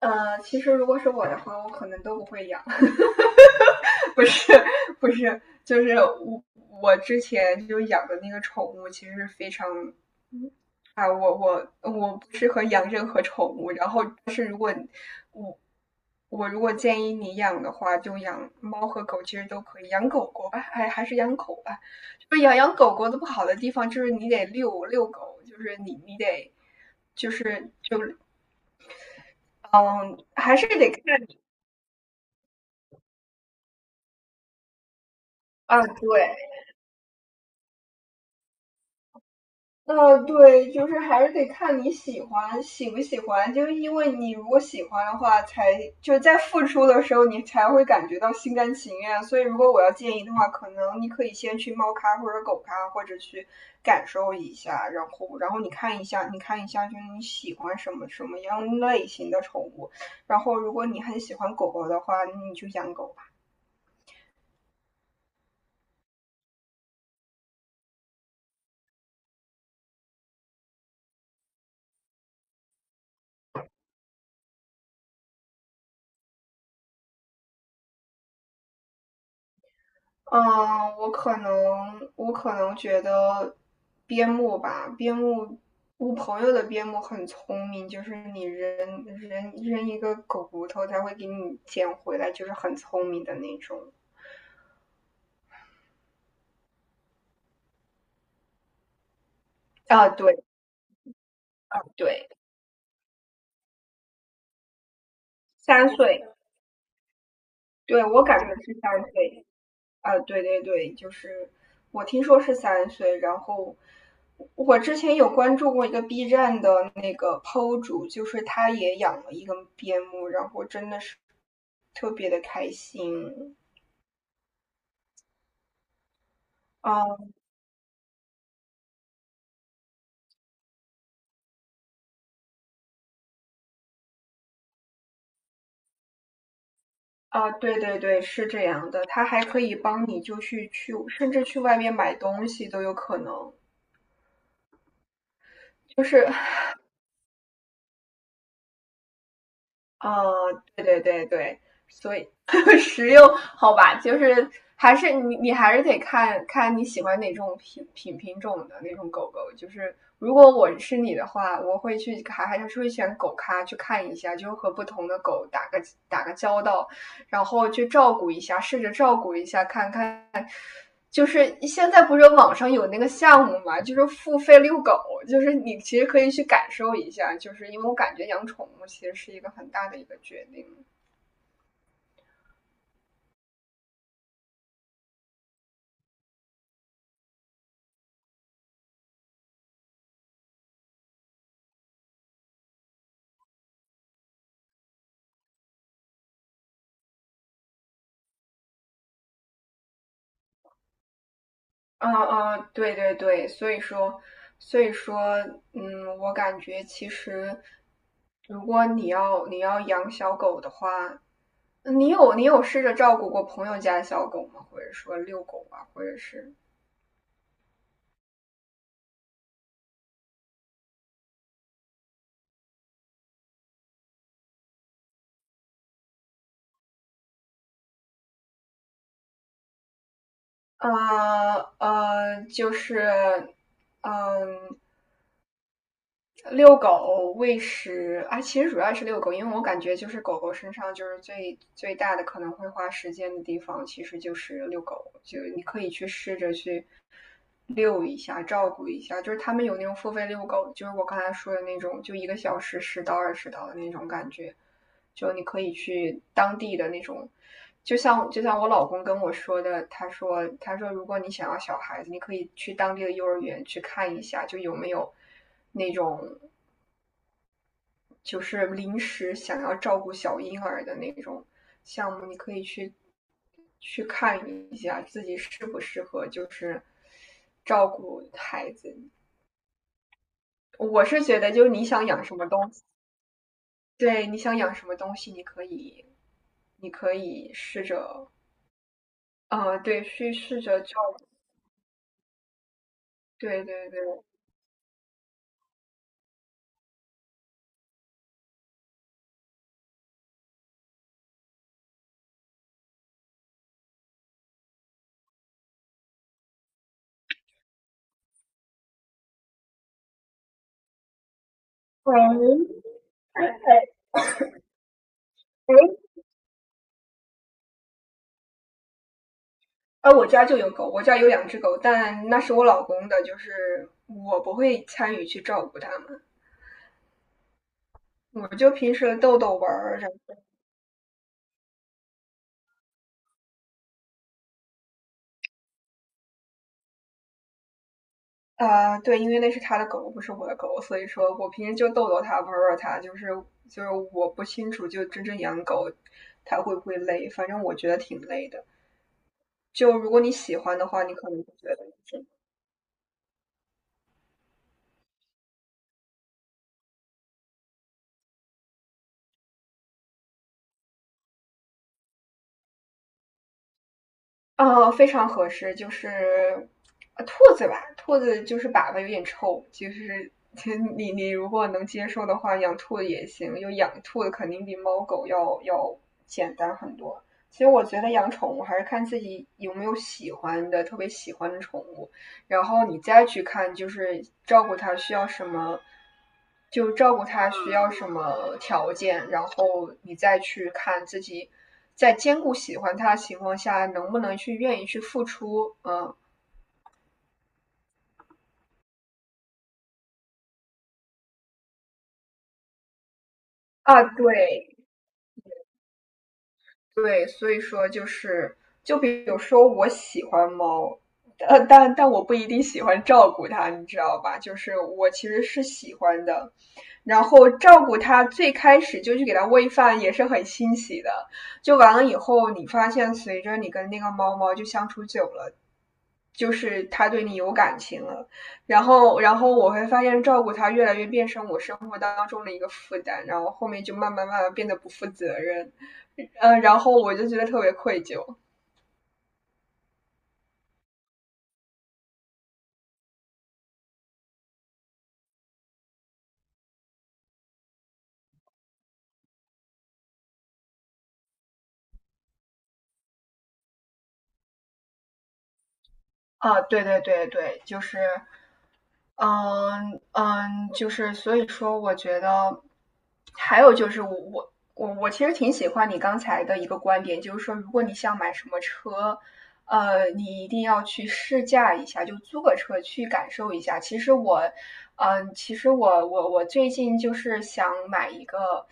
其实如果是我的话，我可能都不会养，不是不是，就是我之前就养的那个宠物，其实是非常啊，我不适合养任何宠物，然后但是如果我我如果建议你养的话，就养猫和狗，其实都可以，养狗狗吧，还是养狗吧，就是养狗狗的不好的地方就是你得遛遛狗，就是你得就是就嗯，还是得看你啊，对。对，就是还是得看你喜欢喜不喜欢，就是因为你如果喜欢的话，才就是在付出的时候，你才会感觉到心甘情愿。所以，如果我要建议的话，可能你可以先去猫咖或者狗咖，或者去感受一下，然后你看一下，你看一下，就是你喜欢什么什么样类型的宠物。然后，如果你很喜欢狗狗的话，你就养狗。嗯，我可能觉得边牧吧，边牧，我朋友的边牧很聪明，就是你扔一个狗骨头，它会给你捡回来，就是很聪明的那种。啊，对对，三岁，对我感觉是三岁。啊，对对对，就是我听说是三岁，然后我之前有关注过一个 B 站的那个 PO 主，就是他也养了一个边牧，然后真的是特别的开心。啊啊，对对对，是这样的，他还可以帮你就去，甚至去外面买东西都有可能，就是哦，对对对对，所以 实用好吧，就是还是你还是得看看你喜欢哪种品种的那种狗狗。就是如果我是你的话，我会去还是会选狗咖去看一下，就和不同的狗打个打个交道，然后去照顾一下，试着照顾一下，看看就是现在不是网上有那个项目嘛，就是付费遛狗，就是你其实可以去感受一下，就是因为我感觉养宠物其实是一个很大的一个决定。嗯嗯，对对对，所以说，所以说，嗯，我感觉其实，如果你要养小狗的话，你有试着照顾过朋友家的小狗吗？或者说遛狗啊，或者是，呃就是，嗯。遛狗喂食啊，其实主要是遛狗，因为我感觉就是狗狗身上就是最大的可能会花时间的地方，其实就是遛狗，就你可以去试着去遛一下，照顾一下。就是他们有那种付费遛狗，就是我刚才说的那种，就1个小时10到20刀的那种感觉，就你可以去当地的那种。就像我老公跟我说的，他说如果你想要小孩子，你可以去当地的幼儿园去看一下，就有没有那种就是临时想要照顾小婴儿的那种项目，你可以去看一下自己适不适合，就是照顾孩子。我是觉得，就是你想养什么东西，对，你想养什么东西，你可以，你可以试着，啊，对，去试着照顾。对对对，喂，哎，我家就有狗，我家有2只狗，但那是我老公的，就是我不会参与去照顾它们。我就平时逗逗玩儿，然对，因为那是他的狗，不是我的狗，所以说我平时就逗逗它，玩玩它，就是就是我不清楚，就真正养狗它会不会累，反正我觉得挺累的。就如果你喜欢的话，你可能会觉得。非常合适，就是兔子吧，兔子就是粑粑有点臭，就是 你如果能接受的话，养兔子也行，有养兔子肯定比猫狗要简单很多。其实我觉得养宠物还是看自己有没有喜欢的，特别喜欢的宠物。然后你再去看，就是照顾他需要什么，就照顾他需要什么条件，然后你再去看自己在兼顾喜欢他的情况下，能不能去愿意去付出。嗯啊，对，对，所以说就是，就比如说我喜欢猫，但但我不一定喜欢照顾它，你知道吧？就是我其实是喜欢的，然后照顾它，最开始就去给它喂饭也是很欣喜的，就完了以后，你发现随着你跟那个猫猫就相处久了。就是它对你有感情了，然后，然后我会发现照顾它越来越变成我生活当中的一个负担，然后后面就慢慢变得不负责任，嗯，然后我就觉得特别愧疚。啊，对对对对，就是，嗯嗯，就是所以说，我觉得还有就是我其实挺喜欢你刚才的一个观点，就是说，如果你想买什么车，你一定要去试驾一下，就租个车去感受一下。其实我，嗯，其实我最近就是想买一个，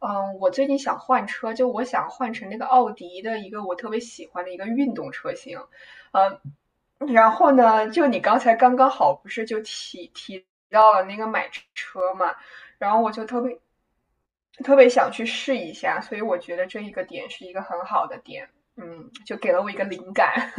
嗯，我最近想换车，就我想换成那个奥迪的一个我特别喜欢的一个运动车型。呃，然后呢，就你刚才刚刚好不是就提到了那个买车嘛，然后我就特别想去试一下，所以我觉得这一个点是一个很好的点，嗯，就给了我一个灵感。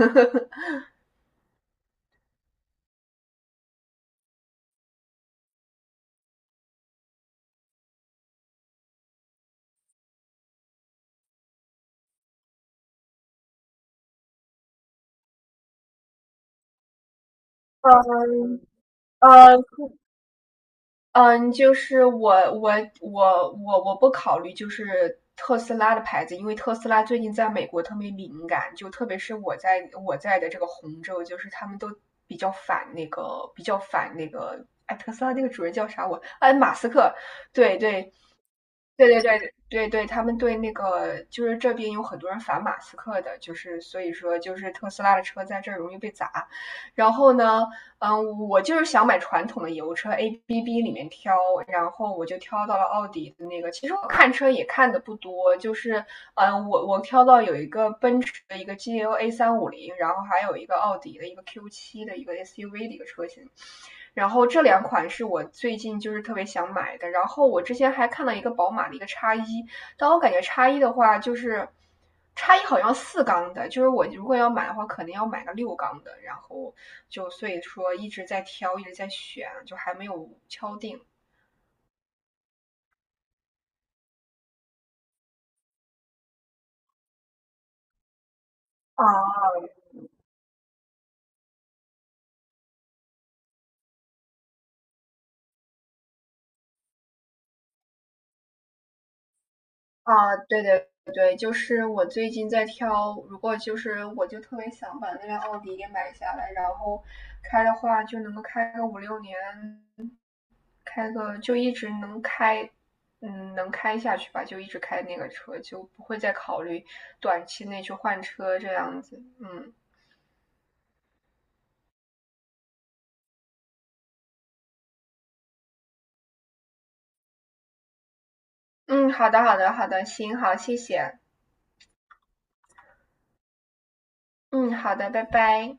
呃，嗯，就是我我不考虑就是特斯拉的牌子，因为特斯拉最近在美国特别敏感，就特别是我在的这个红州，就是他们都比较反那个比较反那个，哎，特斯拉那个主人叫啥我？哎，马斯克，对对，对对对对对，他们对那个就是这边有很多人反马斯克的，就是所以说就是特斯拉的车在这儿容易被砸。然后呢，嗯，我就是想买传统的油车，ABB 里面挑，然后我就挑到了奥迪的那个。其实我看车也看的不多，就是嗯，我挑到有一个奔驰的一个 GLA 350，然后还有一个奥迪的一个 Q7的一个 SUV 的一个车型。然后这两款是我最近就是特别想买的。然后我之前还看到一个宝马的一个叉一，但我感觉叉一的话就是叉一好像四缸的，就是我如果要买的话，可能要买个六缸的。然后就所以说一直在挑，一直在选，就还没有敲定。啊啊，对对对，就是我最近在挑，如果就是我就特别想把那辆奥迪给买下来，然后开的话就能够开个5、6年，开个就一直能开，嗯，能开下去吧，就一直开那个车，就不会再考虑短期内去换车这样子。嗯嗯，好的，好的，好的，行，好，谢谢。嗯，好的，拜拜。